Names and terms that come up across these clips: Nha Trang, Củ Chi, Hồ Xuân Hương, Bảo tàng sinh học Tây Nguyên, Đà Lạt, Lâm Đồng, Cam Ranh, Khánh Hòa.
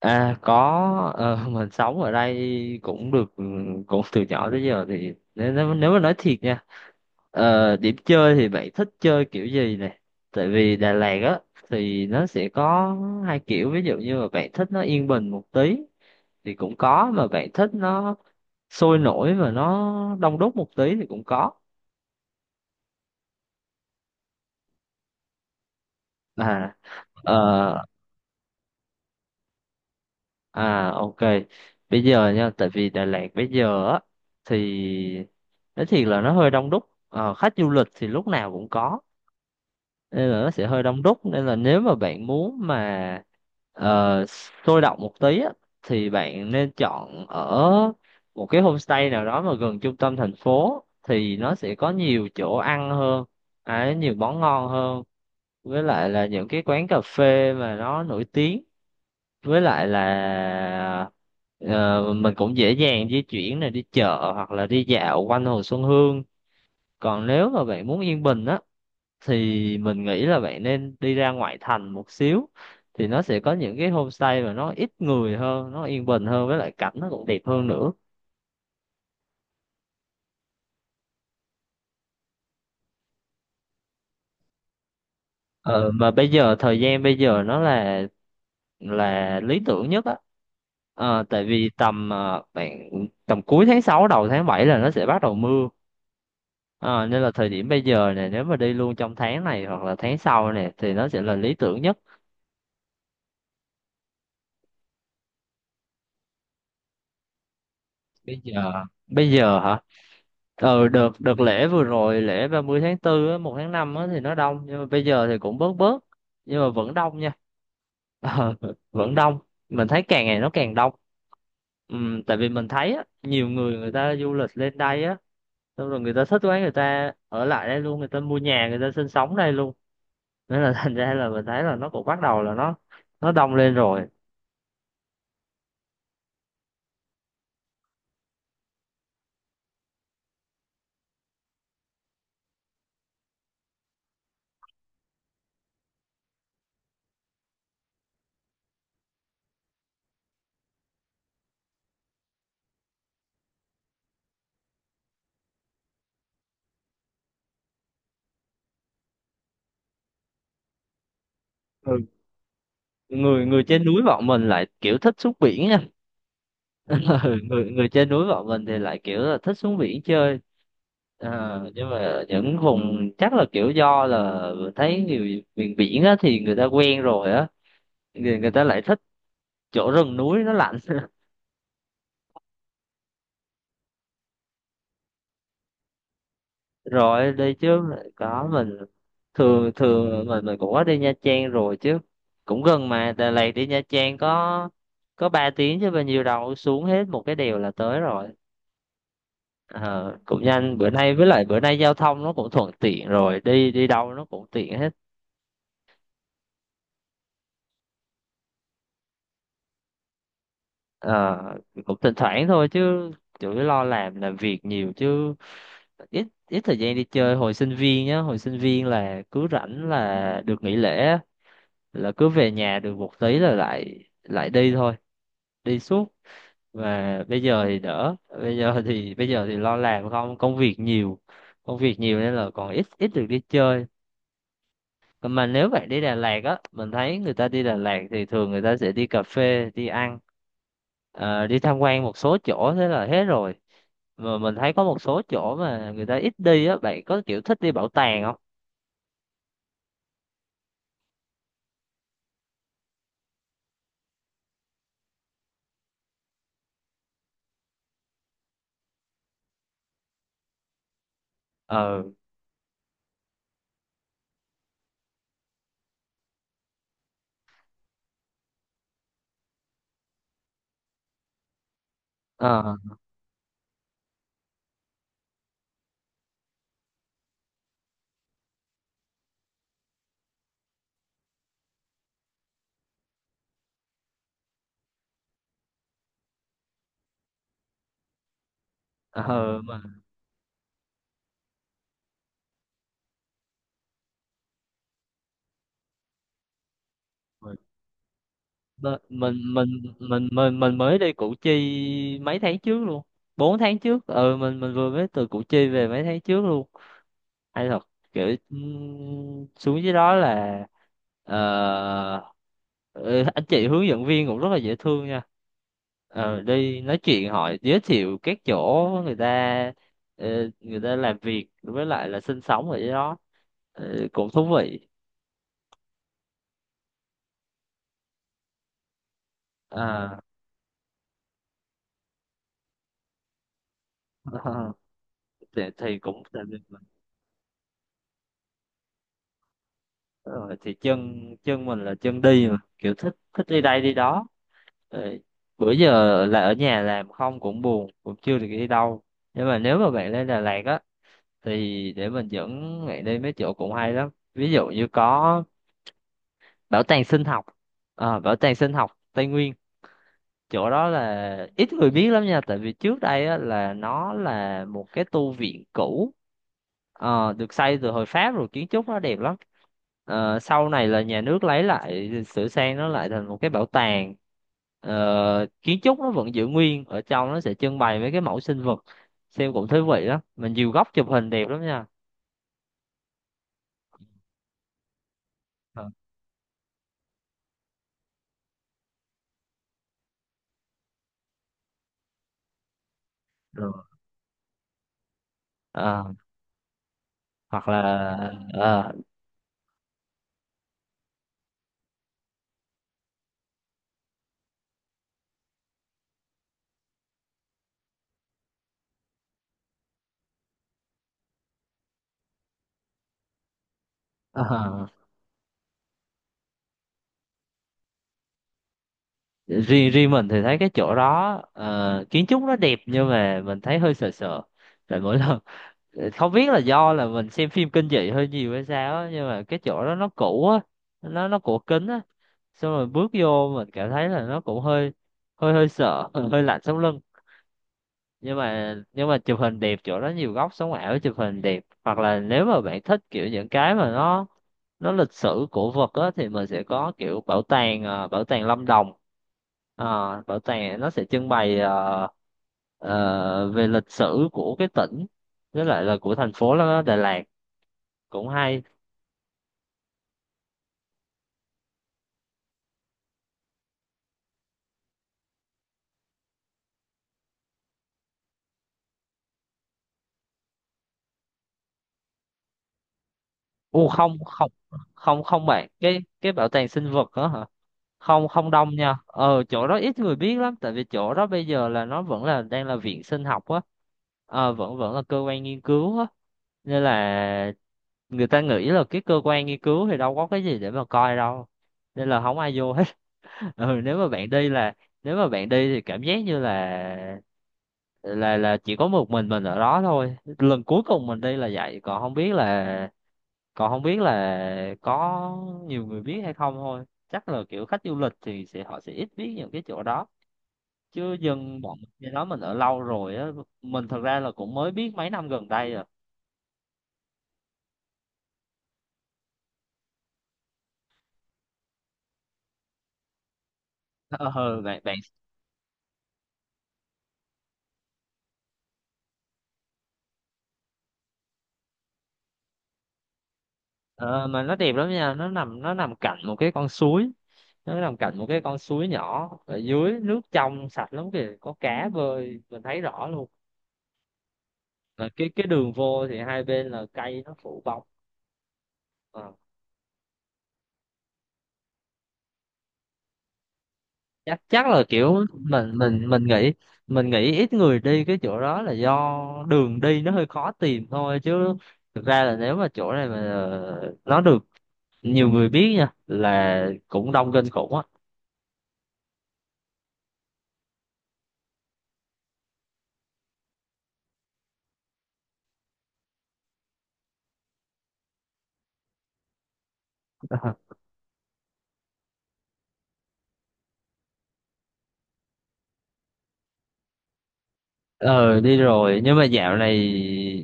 À có, mình sống ở đây cũng được, ừ, cũng từ nhỏ tới giờ. Thì nếu nếu nếu mà nói thiệt nha, điểm chơi thì bạn thích chơi kiểu gì này? Tại vì Đà Lạt á thì nó sẽ có hai kiểu, ví dụ như mà bạn thích nó yên bình một tí thì cũng có, mà bạn thích nó sôi nổi và nó đông đúc một tí thì cũng có. à ờ, À, ok, bây giờ nha, tại vì Đà Lạt bây giờ á thì nói thiệt là nó hơi đông đúc. Ờ, khách du lịch thì lúc nào cũng có nên là nó sẽ hơi đông đúc, nên là nếu mà bạn muốn mà ờ, sôi động một tí á thì bạn nên chọn ở một cái homestay nào đó mà gần trung tâm thành phố, thì nó sẽ có nhiều chỗ ăn hơn, à, nhiều món ngon hơn, với lại là những cái quán cà phê mà nó nổi tiếng, với lại là mình cũng dễ dàng di chuyển này, đi chợ hoặc là đi dạo quanh Hồ Xuân Hương. Còn nếu mà bạn muốn yên bình á thì mình nghĩ là bạn nên đi ra ngoại thành một xíu, thì nó sẽ có những cái homestay mà nó ít người hơn, nó yên bình hơn, với lại cảnh nó cũng đẹp hơn nữa. Ờ, mà bây giờ thời gian bây giờ nó là lý tưởng nhất á. Ờ, tại vì tầm, bạn, tầm cuối tháng 6 đầu tháng 7 là nó sẽ bắt đầu mưa. Ờ, nên là thời điểm bây giờ này, nếu mà đi luôn trong tháng này hoặc là tháng sau này thì nó sẽ là lý tưởng nhất. Bây giờ bây giờ hả? Ờ, đợt đợt lễ vừa rồi, lễ 30 tháng tư á, 1 tháng 5 á thì nó đông, nhưng mà bây giờ thì cũng bớt bớt, nhưng mà vẫn đông nha. Ờ, vẫn đông. Mình thấy càng ngày nó càng đông. Tại vì mình thấy á, nhiều người, người ta du lịch lên đây á, xong rồi người ta thích quá, người ta ở lại đây luôn, người ta mua nhà, người ta sinh sống đây luôn. Nên là thành ra là mình thấy là nó cũng bắt đầu là nó đông lên rồi. Ừ, người người trên núi bọn mình lại kiểu thích xuống biển nha. Ừ, người người trên núi bọn mình thì lại kiểu là thích xuống biển chơi. Ờ, nhưng mà những vùng chắc là kiểu do là thấy nhiều miền biển á thì người ta quen rồi á, người người ta lại thích chỗ rừng núi nó lạnh. Rồi, đi chứ, có mình thường thường, mình cũng có đi Nha Trang rồi chứ, cũng gần mà, Đà Lạt đi Nha Trang có ba tiếng chứ bao nhiêu đâu, xuống hết một cái đèo là tới rồi. Ờ, cũng nhanh, bữa nay với lại bữa nay giao thông nó cũng thuận tiện rồi, đi đi đâu nó cũng tiện hết. Ờ, cũng thỉnh thoảng thôi chứ, chủ yếu lo làm, việc nhiều chứ, ít ít thời gian đi chơi. Hồi sinh viên nhá, hồi sinh viên là cứ rảnh là được nghỉ lễ á, là cứ về nhà được một tí là lại lại đi thôi, đi suốt. Và bây giờ thì đỡ, bây giờ thì, bây giờ thì lo làm không, công việc nhiều nên là còn ít ít được đi chơi. Còn mà nếu bạn đi Đà Lạt á, mình thấy người ta đi Đà Lạt thì thường người ta sẽ đi cà phê, đi ăn, đi tham quan một số chỗ, thế là hết rồi. Mà mình thấy có một số chỗ mà người ta ít đi á, bạn có kiểu thích đi bảo tàng không? Ờ, ờ, ờ, mà Mình mình mình mình mới đi Củ Chi mấy tháng trước luôn. Bốn tháng trước. Ừ, mình vừa mới từ Củ Chi về mấy tháng trước luôn. Hay thật, kiểu xuống dưới đó là ờ, ừ, anh chị hướng dẫn viên cũng rất là dễ thương nha. Ờ, đi nói chuyện hỏi giới thiệu các chỗ người ta, người ta làm việc với lại là sinh sống ở dưới đó. Ờ, cũng thú vị. À, thì cũng, rồi thì chân, mình là chân đi, mà kiểu thích, đi đây đi đó. Rồi, bữa giờ là ở nhà làm không cũng buồn, cũng chưa được đi đâu, nhưng mà nếu mà bạn lên Đà Lạt á thì để mình dẫn bạn đi mấy chỗ cũng hay lắm. Ví dụ như có bảo tàng sinh học, ờ, bảo tàng sinh học Tây Nguyên. Chỗ đó là ít người biết lắm nha, tại vì trước đây á, là nó là một cái tu viện cũ, được xây từ hồi Pháp rồi, kiến trúc nó đẹp lắm. Ờ, sau này là nhà nước lấy lại sửa sang nó lại thành một cái bảo tàng. Ờ, kiến trúc nó vẫn giữ nguyên, ở trong nó sẽ trưng bày mấy cái mẫu sinh vật, xem cũng thú vị lắm, mình nhiều góc chụp hình đẹp lắm nha. Ờ, rồi. Ờ, hoặc là ờ, ờ. Riêng riêng mình thì thấy cái chỗ đó, ờ, kiến trúc nó đẹp nhưng mà mình thấy hơi sợ sợ, tại mỗi lần không biết là do là mình xem phim kinh dị hơi nhiều hay sao á, nhưng mà cái chỗ đó nó cũ á, nó cổ kính á, xong rồi bước vô mình cảm thấy là nó cũng hơi, hơi sợ. Hơi lạnh sống lưng, nhưng mà chụp hình đẹp, chỗ đó nhiều góc sống ảo chụp hình đẹp. Hoặc là nếu mà bạn thích kiểu những cái mà nó lịch sử cổ vật á, thì mình sẽ có kiểu bảo tàng, ờ, bảo tàng Lâm Đồng. Ờ, bảo tàng nó sẽ trưng bày, về lịch sử của cái tỉnh với lại là của thành phố đó, Đà Lạt, cũng hay. Không không không, không bạn, cái bảo tàng sinh vật đó không không đông nha. Ờ, chỗ đó ít người biết lắm, tại vì chỗ đó bây giờ là nó vẫn là đang là viện sinh học á, vẫn vẫn là cơ quan nghiên cứu á, nên là người ta nghĩ là cái cơ quan nghiên cứu thì đâu có cái gì để mà coi đâu, nên là không ai vô hết. Ừ, nếu mà bạn đi là, nếu mà bạn đi thì cảm giác như là là chỉ có một mình ở đó thôi. Lần cuối cùng mình đi là vậy, còn không biết là, còn không biết là có nhiều người biết hay không thôi. Chắc là kiểu khách du lịch thì sẽ họ sẽ ít biết những cái chỗ đó, chứ dân bọn mình cái đó mình ở lâu rồi á, mình thật ra là cũng mới biết mấy năm gần đây rồi. ờ bạn bạn ờ, Mà nó đẹp lắm nha, nó nằm cạnh một cái con suối, nó nằm cạnh một cái con suối nhỏ, ở dưới nước trong sạch lắm kìa, có cá bơi mình thấy rõ luôn. Mà cái đường vô thì hai bên là cây nó phủ bóng. Ờ. Chắc, chắc là kiểu mình nghĩ, mình nghĩ ít người đi cái chỗ đó là do đường đi nó hơi khó tìm thôi, chứ thực ra là nếu mà chỗ này mà, ờ, nó được nhiều người biết nha là cũng đông kinh khủng á. Ờ, đi rồi nhưng mà dạo này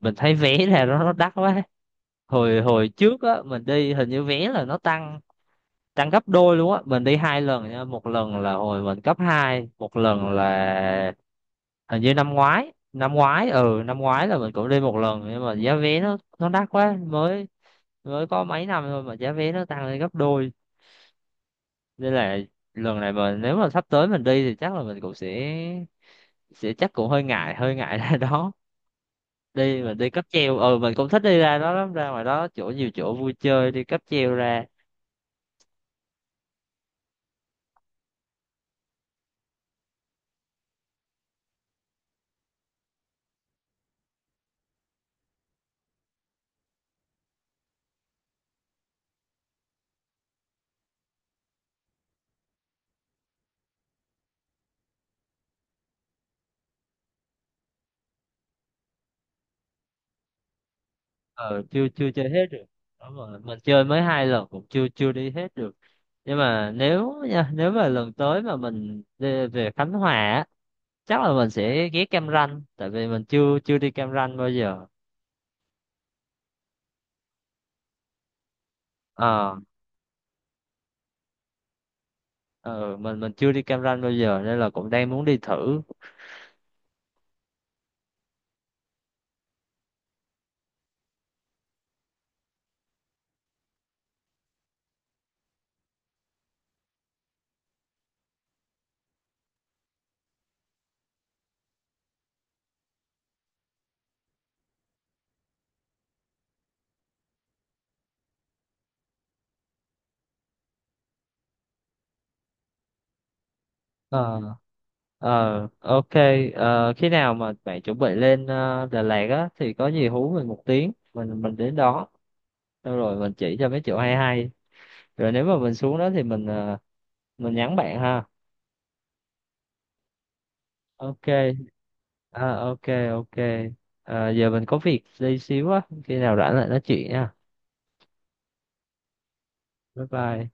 mình thấy vé ra nó đắt quá. Hồi Hồi trước á mình đi, hình như vé là nó tăng, tăng gấp đôi luôn á. Mình đi hai lần nha, một lần là hồi mình cấp hai, một lần là hình như năm ngoái, ừ năm ngoái là mình cũng đi một lần, nhưng mà giá vé nó đắt quá, mới mới có mấy năm thôi mà giá vé nó tăng lên gấp đôi, nên là lần này mà nếu mà sắp tới mình đi thì chắc là mình cũng sẽ chắc cũng hơi ngại, hơi ngại ra đó đi. Mình đi cáp treo, ừ mình cũng thích đi ra đó lắm, ra ngoài đó chỗ nhiều chỗ vui chơi, đi cáp treo ra. Ờ, chưa chưa chơi hết được. Đúng rồi, mình chơi mới hai lần cũng chưa chưa đi hết được. Nhưng mà nếu nha, nếu mà lần tới mà mình đi về Khánh Hòa á chắc là mình sẽ ghé Cam Ranh, tại vì mình chưa chưa đi Cam Ranh bao giờ. Ờ. Ừ, mình chưa đi Cam Ranh bao giờ, nên là cũng đang muốn đi thử. Ờ, ờ, ok. Ờ, khi nào mà bạn chuẩn bị lên, ờ, Đà Lạt á, thì có gì hú mình một tiếng, mình đến đó xong rồi mình chỉ cho mấy chỗ hay hay. Rồi nếu mà mình xuống đó thì mình, ờ, mình nhắn bạn ha. Ok. À, ok, ok. Ờ, giờ mình có việc đi xíu á, khi nào rảnh lại nói chuyện nha. Bye bye.